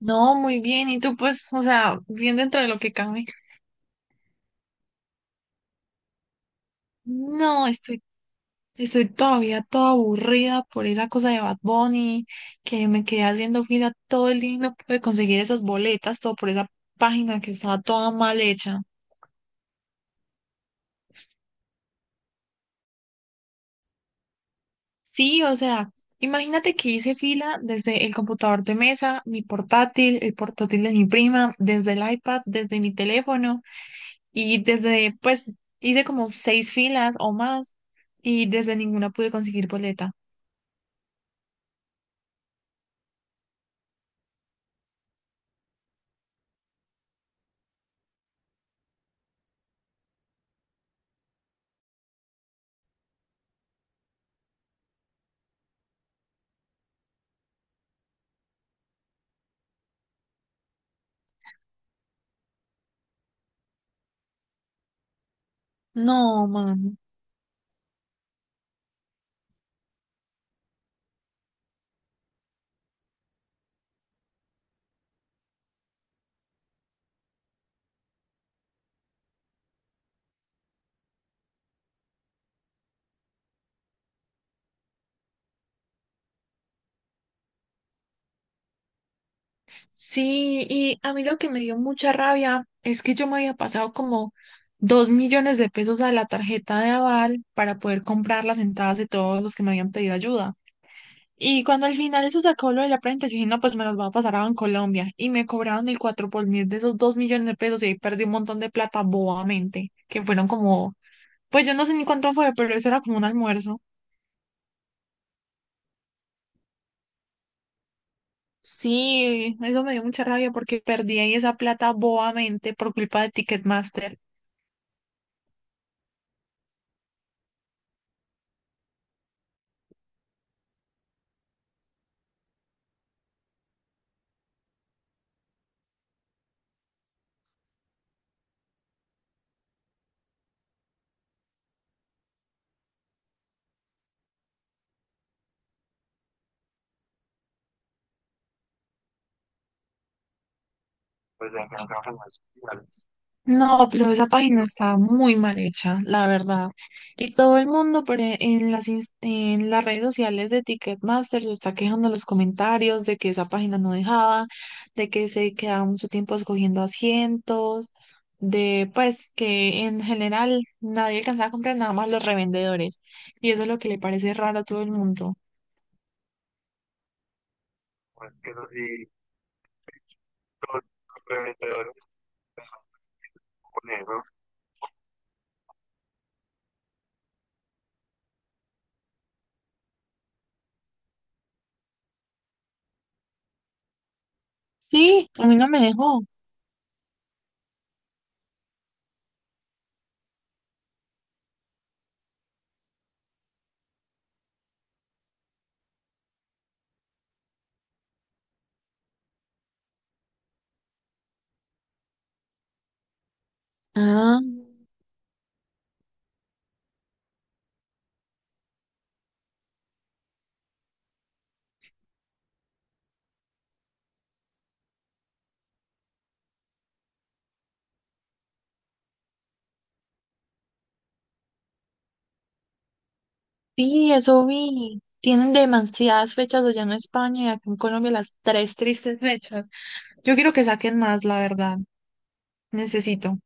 No, muy bien. Y tú, pues, o sea, bien dentro de lo que cabe. No, estoy todavía toda aburrida por esa cosa de Bad Bunny, que me quedé haciendo fila todo el día y no pude conseguir esas boletas, todo por esa página que estaba toda mal hecha. Sí, o sea, imagínate que hice fila desde el computador de mesa, mi portátil, el portátil de mi prima, desde el iPad, desde mi teléfono y desde, pues, hice como seis filas o más y desde ninguna pude conseguir boleta. No, mano. Sí, y a mí lo que me dio mucha rabia es que yo me había pasado como 2 millones de pesos a la tarjeta de aval para poder comprar las entradas de todos los que me habían pedido ayuda. Y cuando al final eso sacó lo de la prenda, yo dije, no, pues me los va a pasar a Colombia. Y me cobraron el cuatro por mil de esos 2 millones de pesos y ahí perdí un montón de plata bobamente, que fueron como, pues yo no sé ni cuánto fue, pero eso era como un almuerzo. Sí, eso me dio mucha rabia porque perdí ahí esa plata bobamente por culpa de Ticketmaster. No, pero esa página está muy mal hecha, la verdad. Y todo el mundo por e- en las, ins- en las redes sociales de Ticketmaster se está quejando en los comentarios de que esa página no dejaba, de que se quedaba mucho tiempo escogiendo asientos, de pues que en general nadie alcanzaba a comprar nada más los revendedores. Y eso es lo que le parece raro a todo el mundo. Sí, a mí no me dejó. Ah, sí, eso vi. Tienen demasiadas fechas allá en España y acá en Colombia las tres tristes fechas. Yo quiero que saquen más, la verdad. Necesito.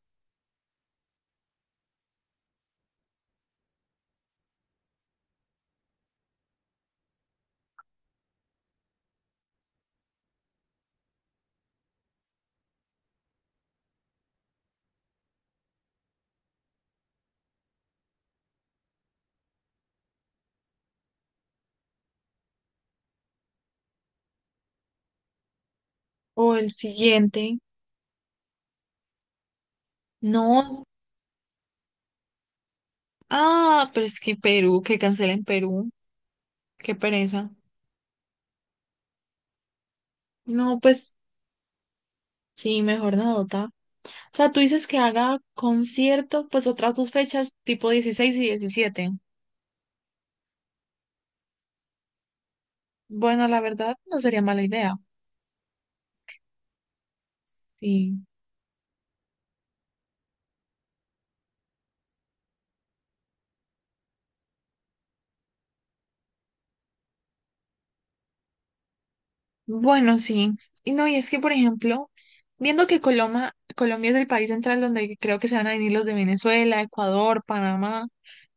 O el siguiente. No. Ah, pero es que Perú, que cancelen Perú. Qué pereza. No, pues sí, mejor nota. O sea, tú dices que haga concierto, pues otras dos fechas, tipo 16 y 17. Bueno, la verdad, no sería mala idea. Sí. Bueno, sí. Y no, y es que, por ejemplo, viendo que Coloma, Colombia es el país central donde creo que se van a venir los de Venezuela, Ecuador, Panamá,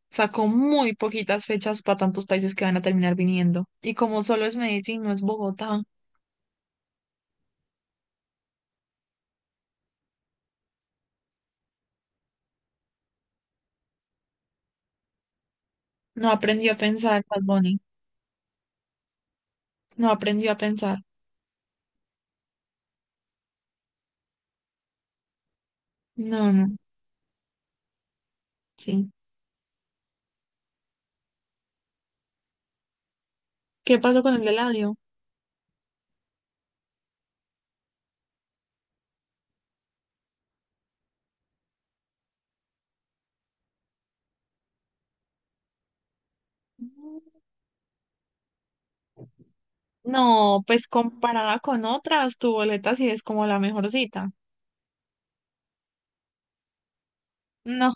sacó muy poquitas fechas para tantos países que van a terminar viniendo. Y como solo es Medellín, no es Bogotá, no aprendió a pensar, Bad Bunny, no aprendió a pensar. No, no, sí. ¿Qué pasó con el de Eladio? No, pues comparada con otras, tu boleta sí es como la mejor cita. No,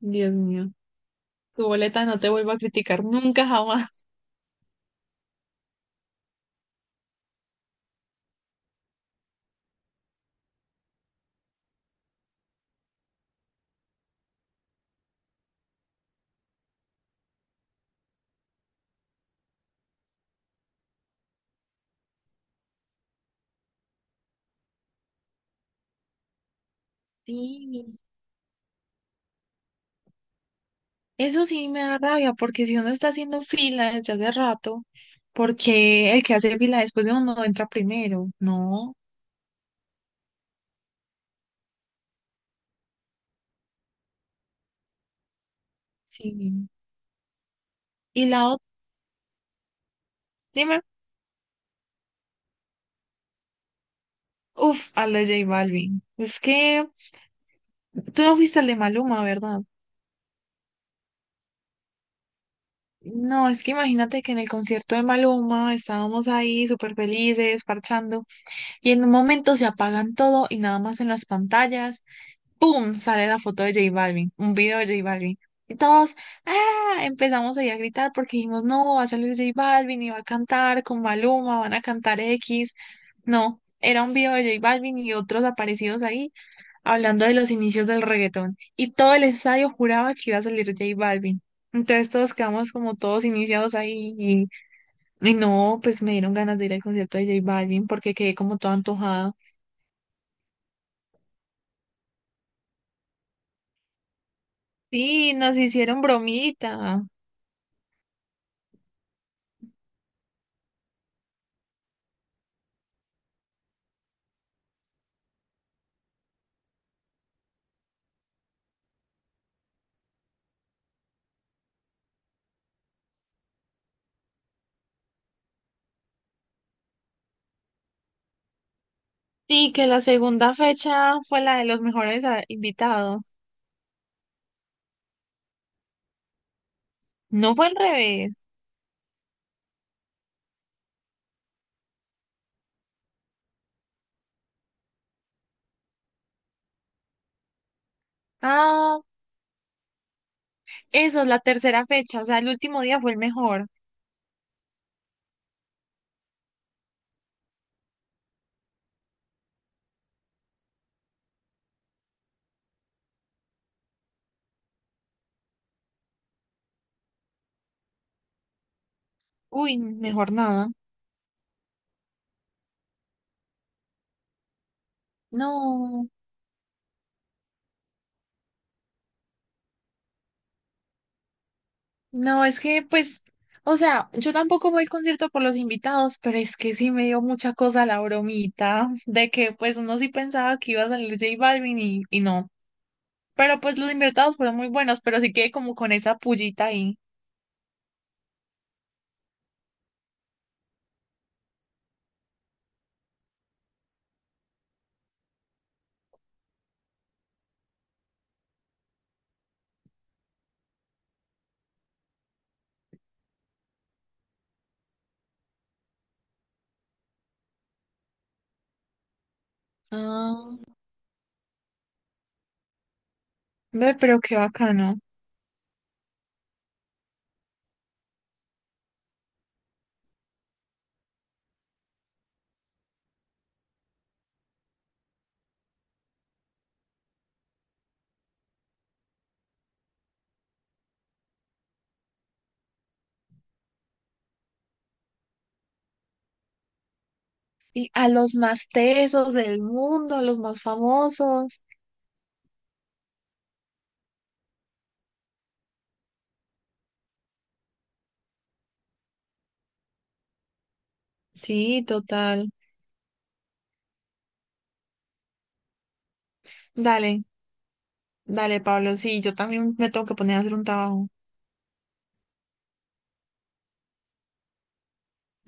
Dios mío, tu boleta no te vuelvo a criticar nunca jamás. Sí, eso sí me da rabia, porque si uno está haciendo fila desde hace rato, ¿porque el que hace fila después de uno entra primero? No, sí. Y la otra, dime, uff, a la J Balvin. Es que tú no fuiste al de Maluma, ¿verdad? No, es que imagínate que en el concierto de Maluma estábamos ahí súper felices, parchando, y en un momento se apagan todo y nada más en las pantallas ¡pum! Sale la foto de J Balvin, un video de J Balvin. Y todos, ¡ah! Empezamos ahí a gritar porque dijimos, no, va a salir J Balvin y va a cantar con Maluma, van a cantar X. No, era un video de J Balvin y otros aparecidos ahí hablando de los inicios del reggaetón. Y todo el estadio juraba que iba a salir J Balvin. Entonces todos quedamos como todos iniciados ahí y no, pues me dieron ganas de ir al concierto de J Balvin porque quedé como todo antojado. Sí, nos hicieron bromita. Sí, que la segunda fecha fue la de los mejores, ah, invitados. No, fue al revés. Ah, eso, es la tercera fecha, o sea, el último día fue el mejor. Uy, mejor nada. No, no, es que pues, o sea, yo tampoco voy al concierto por los invitados, pero es que sí me dio mucha cosa la bromita de que pues uno sí pensaba que iba a salir J Balvin y no. Pero pues los invitados fueron muy buenos, pero sí que como con esa pullita ahí. Ah, ve, pero qué bacano. Y a los más tesos del mundo, a los más famosos. Sí, total. Dale, dale, Pablo. Sí, yo también me tengo que poner a hacer un trabajo.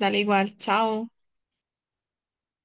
Dale igual, chao.